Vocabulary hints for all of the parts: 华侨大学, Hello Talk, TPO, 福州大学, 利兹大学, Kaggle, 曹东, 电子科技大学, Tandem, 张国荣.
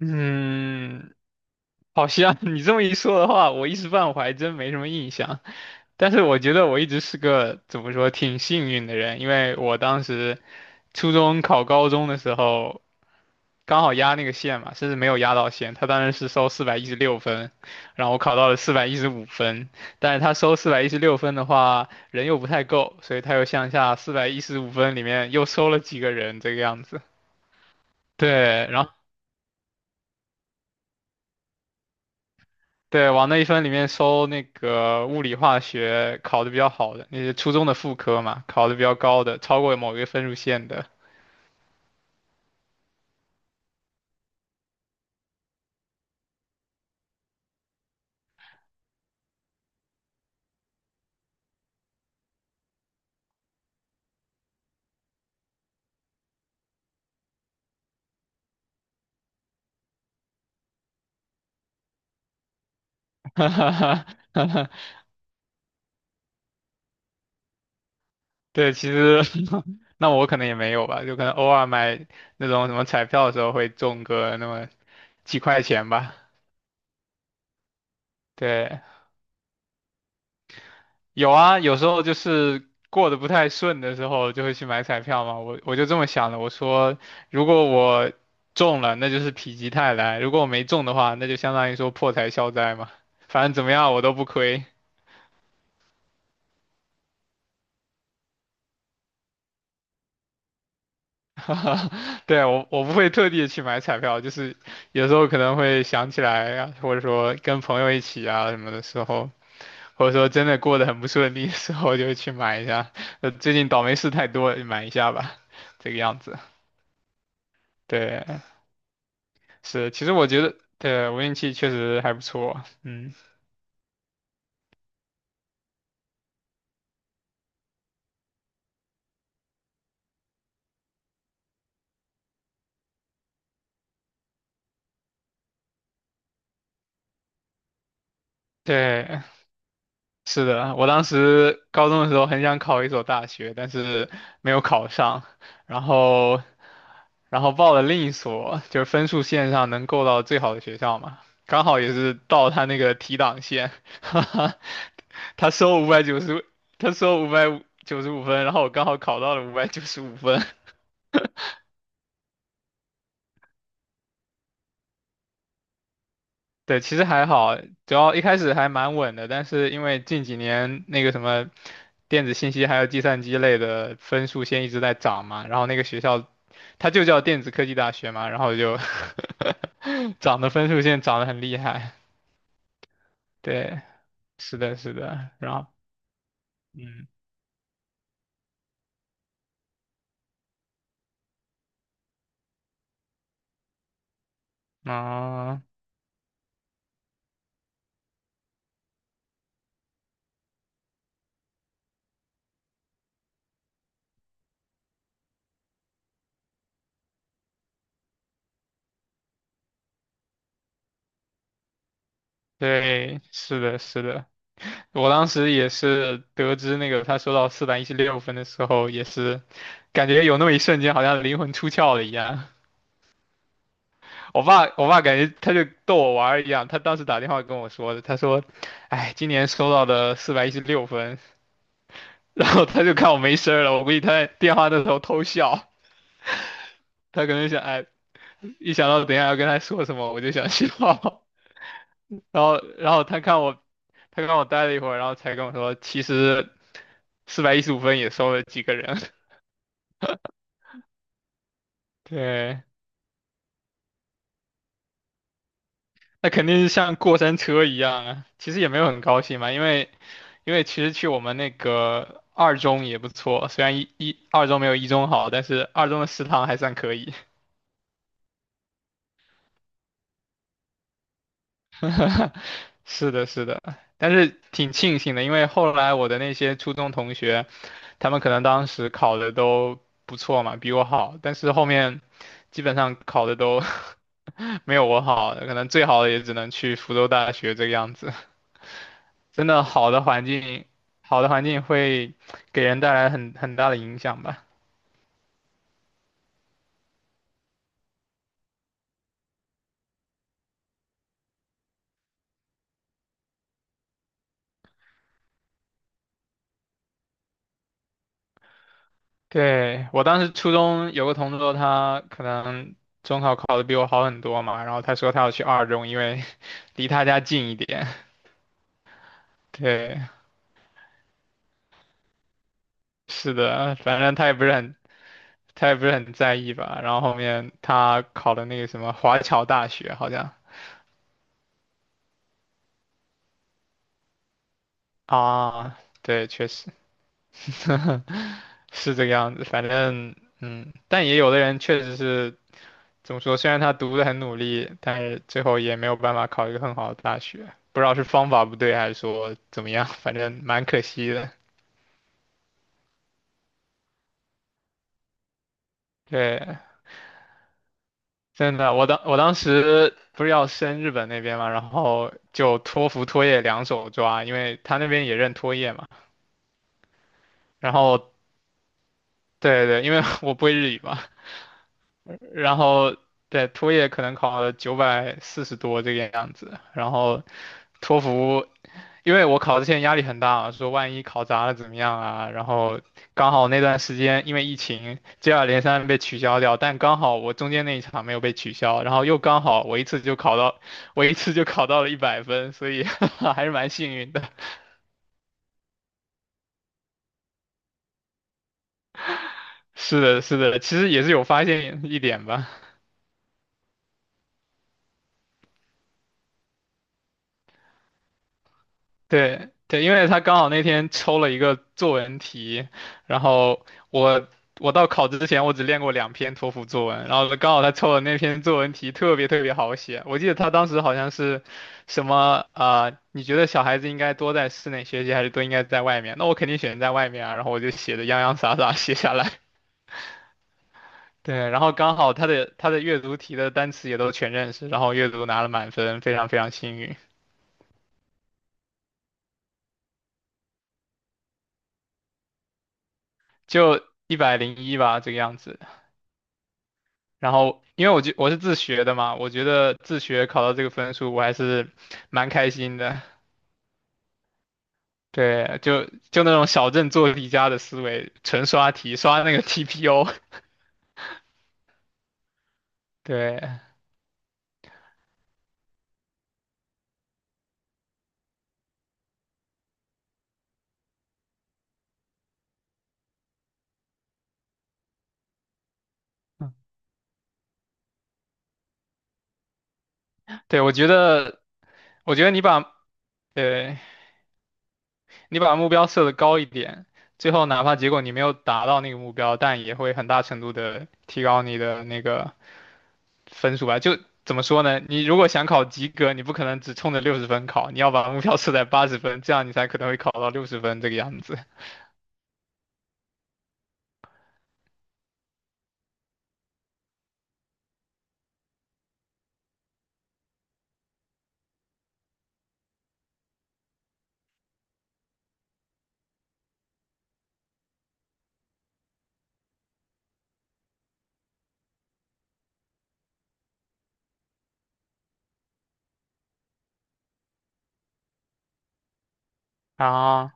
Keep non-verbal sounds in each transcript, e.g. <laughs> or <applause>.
嗯，好像 <laughs> 你这么一说的话，我一时半会儿还真没什么印象。但是我觉得我一直是个怎么说挺幸运的人，因为我当时初中考高中的时候，刚好压那个线嘛，甚至没有压到线。他当时是收四百一十六分，然后我考到了四百一十五分，但是他收四百一十六分的话，人又不太够，所以他又向下四百一十五分里面又收了几个人这个样子。对，然后。对，往那一分里面收那个物理化学考的比较好的，那些初中的副科嘛，考的比较高的，超过某一个分数线的。<laughs> 对，其实 <laughs> 那我可能也没有吧，就可能偶尔买那种什么彩票的时候会中个那么几块钱吧。对，有啊，有时候就是过得不太顺的时候，就会去买彩票嘛。我就这么想的，我说如果我中了，那就是否极泰来；如果我没中的话，那就相当于说破财消灾嘛。反正怎么样我都不亏。<laughs> 对啊，我不会特地去买彩票，就是有时候可能会想起来啊，或者说跟朋友一起啊什么的时候，或者说真的过得很不顺利的时候，就会去买一下。最近倒霉事太多了，买一下吧，这个样子。对。是，其实我觉得，对，我运气确实还不错。嗯，对，是的，我当时高中的时候很想考一所大学，但是没有考上，然后，然后报了另一所，就是分数线上能够到最好的学校嘛，刚好也是到他那个提档线，<laughs> 哈哈，他收五百九十，他收五百九十五分，然后我刚好考到了五百九十五分。<laughs> 对，其实还好，主要一开始还蛮稳的，但是因为近几年那个什么电子信息还有计算机类的分数线一直在涨嘛，然后那个学校它就叫电子科技大学嘛，然后就 <laughs> 涨的分数线涨得很厉害。对，是的，是的，然后嗯啊，对，是的，是的，我当时也是得知那个他收到四百一十六分的时候，也是感觉有那么一瞬间好像灵魂出窍了一样。我爸感觉他就逗我玩儿一样，他当时打电话跟我说的，他说：“哎，今年收到的四百一十六分。<laughs>”然后他就看我没声儿了，我估计他在电话那头偷笑，他可能想，哎，一想到等一下要跟他说什么，我就想笑。<laughs> 然后他看我，他看我待了一会儿，然后才跟我说，其实四百一十五分也收了几个人。<laughs> 对，那肯定是像过山车一样啊。其实也没有很高兴嘛，因为其实去我们那个二中也不错，虽然二中没有一中好，但是二中的食堂还算可以。<laughs> 是的，是的，但是挺庆幸的，因为后来我的那些初中同学，他们可能当时考的都不错嘛，比我好，但是后面基本上考的都 <laughs> 没有我好，可能最好的也只能去福州大学这个样子。真的好的环境，好的环境会给人带来很大的影响吧。对，我当时初中有个同桌，他可能中考考的比我好很多嘛，然后他说他要去二中，因为 <laughs> 离他家近一点。对，是的，反正他也不是很，他也不是很在意吧。然后后面他考的那个什么华侨大学，好像啊，对，确实 <laughs> 是这个样子。反正嗯，但也有的人确实是。怎么说？虽然他读的很努力，但是最后也没有办法考一个很好的大学，不知道是方法不对还是说怎么样，反正蛮可惜的。对，真的，我当时不是要升日本那边嘛，然后就托福、托业两手抓，因为他那边也认托业嘛。然后对对，因为 <laughs> 我不会日语嘛，然后对托业可能考了940多这个样子，然后托福因为我考之前压力很大，说万一考砸了怎么样啊？然后刚好那段时间因为疫情接二连三被取消掉，但刚好我中间那一场没有被取消，然后又刚好我一次就考到，我一次就考到了100分，所以 <laughs> 还是蛮幸运的。<laughs> 是的，是的，其实也是有发现一点吧。对对，因为他刚好那天抽了一个作文题，然后我我到考之前我只练过两篇托福作文，然后刚好他抽的那篇作文题特别特别好写，我记得他当时好像是什么你觉得小孩子应该多在室内学习还是多应该在外面？那我肯定选在外面啊，然后我就写的洋洋洒洒写下来。<laughs> 对，然后刚好他的阅读题的单词也都全认识，然后阅读拿了满分，非常非常幸运，就101吧这个样子。然后，因为我觉我是自学的嘛，我觉得自学考到这个分数，我还是蛮开心的。对，就那种小镇做题家的思维，纯刷题，刷那个 TPO。<laughs> 对，对，我觉得，我觉得你把，对，你把目标设的高一点，最后哪怕结果你没有达到那个目标，但也会很大程度的提高你的那个分数吧。就怎么说呢？你如果想考及格，你不可能只冲着六十分考，你要把目标设在80分，这样你才可能会考到六十分这个样子啊。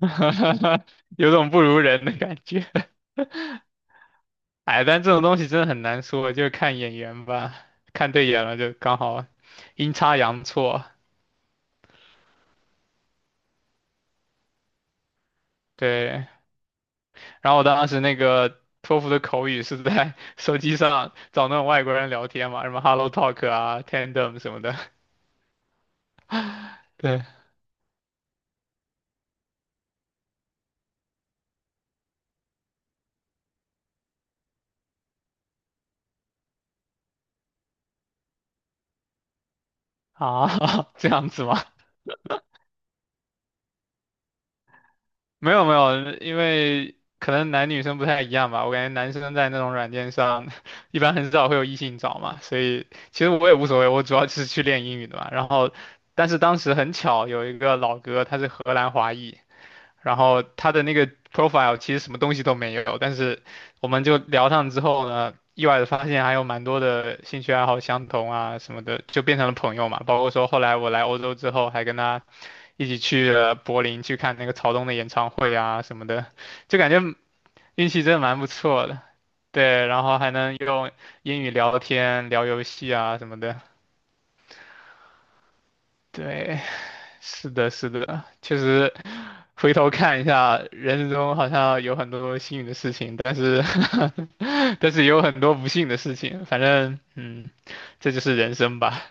<laughs> 有种不如人的感觉。<laughs> 哎，但这种东西真的很难说，就看眼缘吧，看对眼了就刚好阴差阳错。对，然后我当时那个托福的口语是在手机上找那种外国人聊天嘛，什么 Hello Talk 啊、Tandem 什么的。对，啊，<laughs> 这样子吗？没有没有，因为可能男女生不太一样吧。我感觉男生在那种软件上，<laughs> 一般很少会有异性找嘛，所以其实我也无所谓，我主要就是去练英语的嘛。然后，但是当时很巧，有一个老哥他是荷兰华裔，然后他的那个 profile 其实什么东西都没有，但是我们就聊上之后呢，意外的发现还有蛮多的兴趣爱好相同啊什么的，就变成了朋友嘛。包括说后来我来欧洲之后，还跟他。一起去了柏林去看那个曹东的演唱会啊什么的，就感觉运气真的蛮不错的。对，然后还能用英语聊天、聊游戏啊什么的。对，是的，是的，确实，回头看一下，人生中好像有很多幸运的事情，但是，<laughs> 但是也有很多不幸的事情。反正，嗯，这就是人生吧。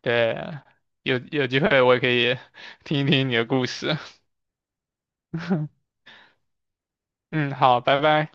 对，有有机会我也可以听一听你的故事。<laughs> 嗯，好，拜拜。